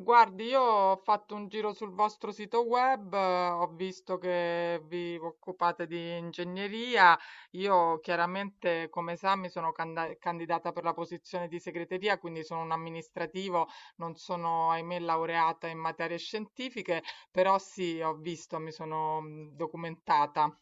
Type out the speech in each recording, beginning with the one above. Guardi, io ho fatto un giro sul vostro sito web, ho visto che vi occupate di ingegneria. Io chiaramente come sa mi sono candidata per la posizione di segreteria, quindi sono un amministrativo, non sono ahimè laureata in materie scientifiche, però sì, ho visto, mi sono documentata.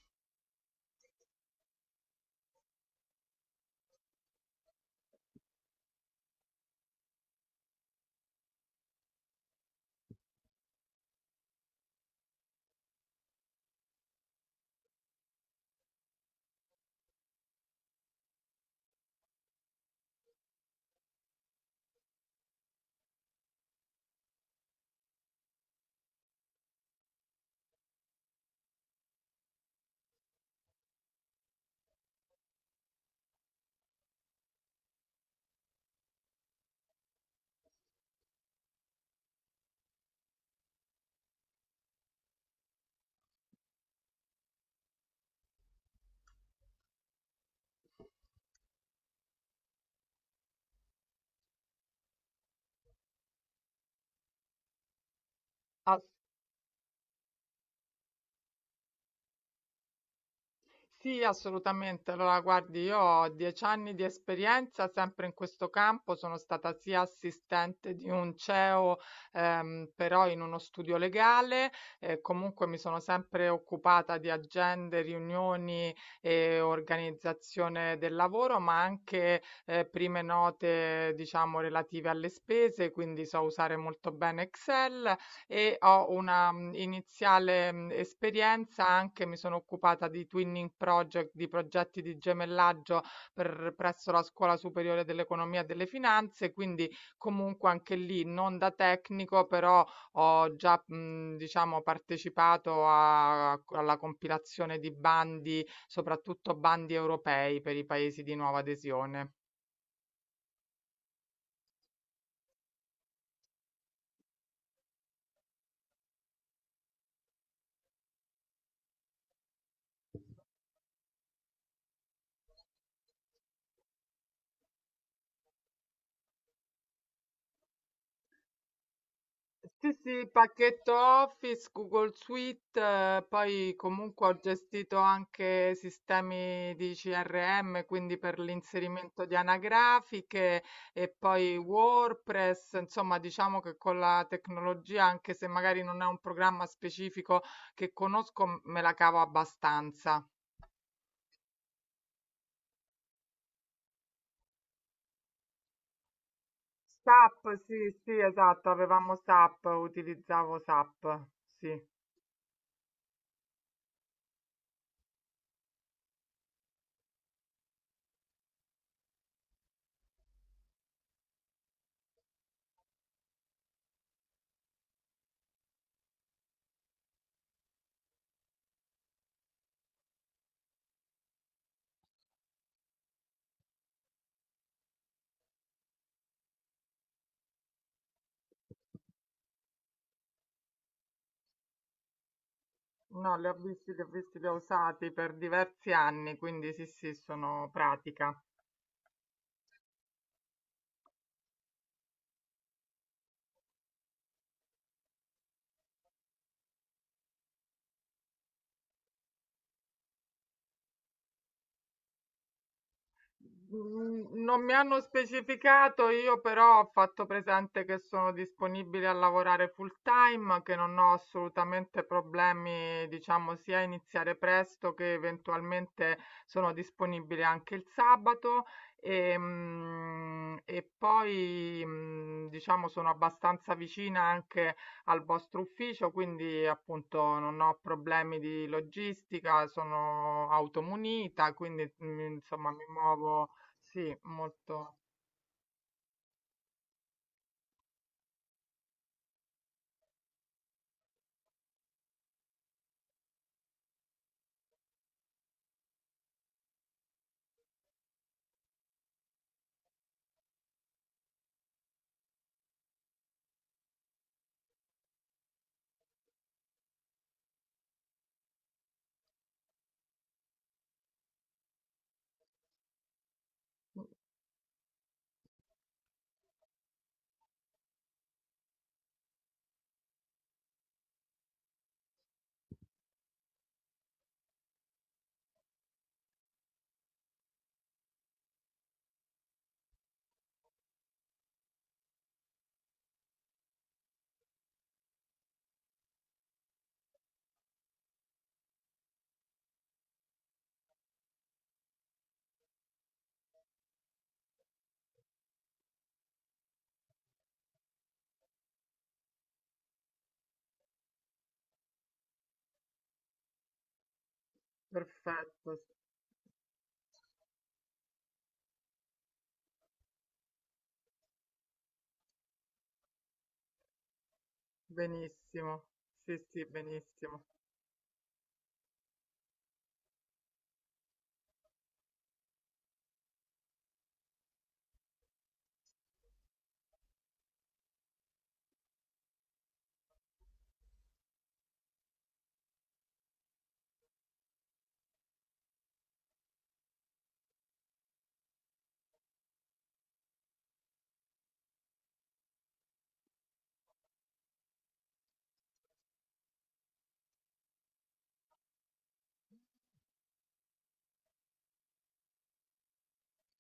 Sì, assolutamente. Allora, guardi, io ho 10 anni di esperienza sempre in questo campo, sono stata sia assistente di un CEO, però in uno studio legale, comunque mi sono sempre occupata di agende, riunioni e organizzazione del lavoro, ma anche prime note, diciamo, relative alle spese, quindi so usare molto bene Excel e ho una, iniziale, esperienza anche mi sono occupata di twinning project, di progetti di gemellaggio per presso la Scuola Superiore dell'Economia e delle Finanze, quindi comunque anche lì non da tecnico, però ho già, diciamo partecipato a co alla compilazione di bandi, soprattutto bandi europei per i paesi di nuova adesione. Sì, sì, pacchetto Office, Google Suite, poi comunque ho gestito anche sistemi di CRM, quindi per l'inserimento di anagrafiche e poi WordPress, insomma diciamo che con la tecnologia, anche se magari non è un programma specifico che conosco, me la cavo abbastanza. SAP, sì, sì, esatto, avevamo SAP, utilizzavo SAP, sì. No, li ho visti, li ho usati per diversi anni, quindi sì, sì, sono pratica. Mm, non mi hanno specificato, io però ho fatto presente che sono disponibile a lavorare full time, che non ho assolutamente problemi, diciamo, sia a iniziare presto che eventualmente sono disponibile anche il sabato. E, e poi, diciamo, sono abbastanza vicina anche al vostro ufficio, quindi appunto non ho problemi di logistica, sono automunita, quindi insomma mi muovo, sì, molto perfetto, benissimo, sì, benissimo.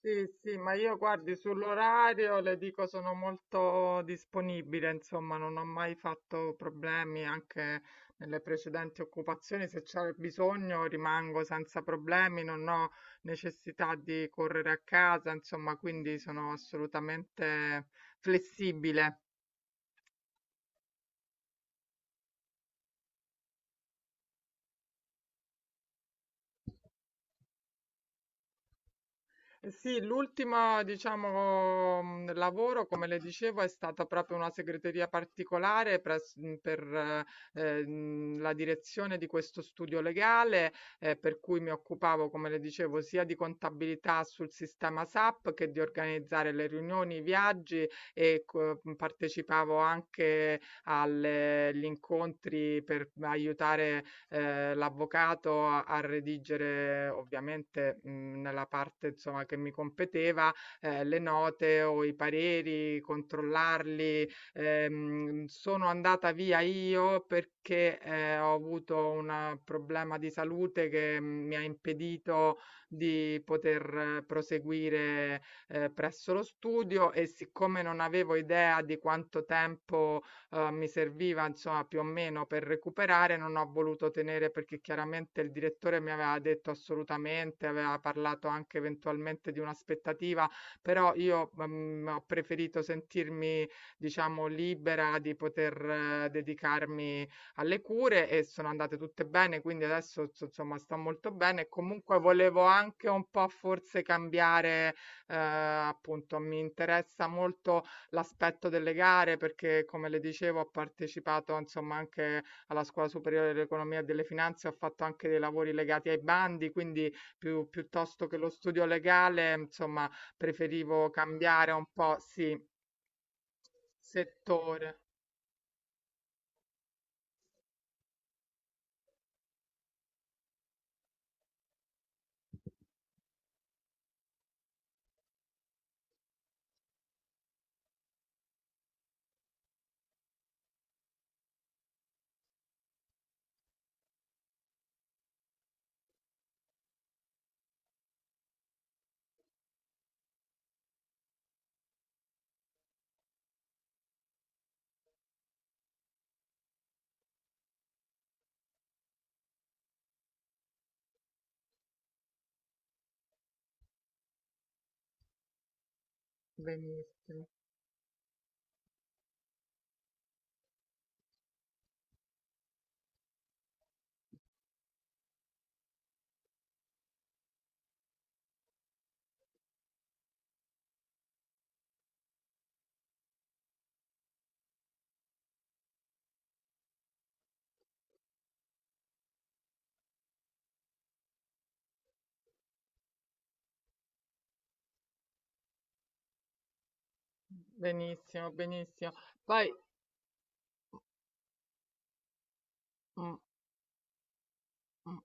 Sì, sì, ma io guardi sull'orario, le dico sono molto disponibile, insomma, non ho mai fatto problemi anche nelle precedenti occupazioni, se c'è bisogno rimango senza problemi, non ho necessità di correre a casa, insomma, quindi sono assolutamente flessibile. Eh sì, l'ultimo, diciamo, lavoro, come le dicevo, è stata proprio una segreteria particolare per la direzione di questo studio legale, per cui mi occupavo, come le dicevo, sia di contabilità sul sistema SAP che di organizzare le riunioni, i viaggi e partecipavo anche agli incontri per aiutare l'avvocato a redigere ovviamente, nella parte insomma che mi competeva, le note o i pareri, controllarli. Sono andata via io perché, ho avuto un problema di salute che mi ha impedito di poter proseguire, presso lo studio e siccome non avevo idea di quanto tempo mi serviva insomma più o meno per recuperare, non ho voluto tenere perché chiaramente il direttore mi aveva detto assolutamente, aveva parlato anche eventualmente di un'aspettativa, però io, ho preferito sentirmi diciamo libera di poter dedicarmi alle cure e sono andate tutte bene, quindi adesso so insomma sto molto bene e comunque volevo anche un po' forse cambiare, uhm, appunto mi interessa molto l'aspetto delle gare perché, come le dicevo, ho partecipato insomma anche alla Scuola Superiore dell'Economia e delle Finanze, ho fatto anche dei lavori legati ai bandi, quindi piuttosto che lo studio legale, insomma, preferivo cambiare un po', sì, settore. Benissimo, benissimo, benissimo. Poi, mm, mm.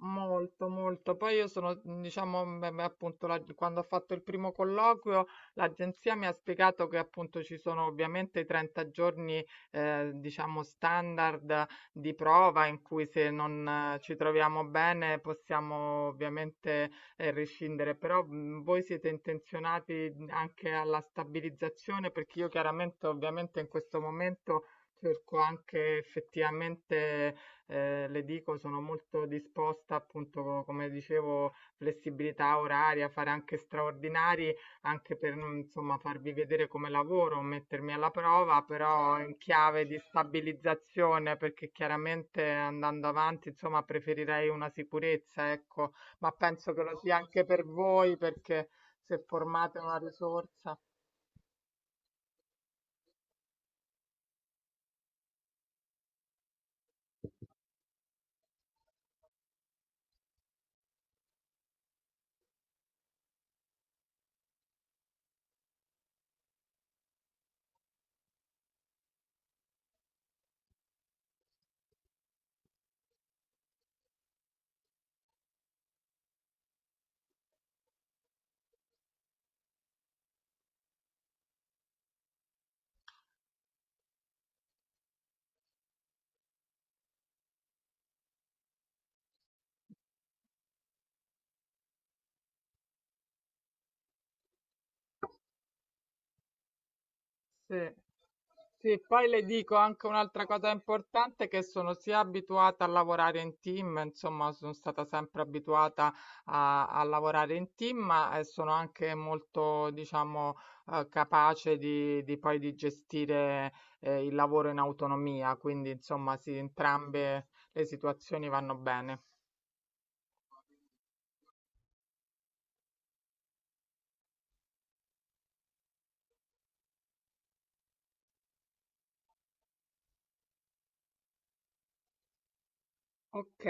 Molto, molto. Poi io sono, diciamo, appunto, quando ho fatto il primo colloquio, l'agenzia mi ha spiegato che appunto ci sono ovviamente i 30 giorni, diciamo, standard di prova in cui se non ci troviamo bene possiamo ovviamente rescindere, però voi siete intenzionati anche alla stabilizzazione perché io chiaramente, ovviamente in questo momento cerco anche effettivamente le dico, sono molto disposta, appunto, come dicevo, flessibilità oraria, fare anche straordinari, anche per, non, insomma, farvi vedere come lavoro, mettermi alla prova, però in chiave di stabilizzazione, perché chiaramente andando avanti, insomma, preferirei una sicurezza, ecco, ma penso che lo sia anche per voi, perché se formate una risorsa. Sì. Sì, poi le dico anche un'altra cosa importante, che sono sia abituata a lavorare in team, insomma, sono stata sempre abituata a lavorare in team, ma sono anche molto, diciamo, capace di poi di gestire il lavoro in autonomia, quindi, insomma, sì, entrambe le situazioni vanno bene. Ok.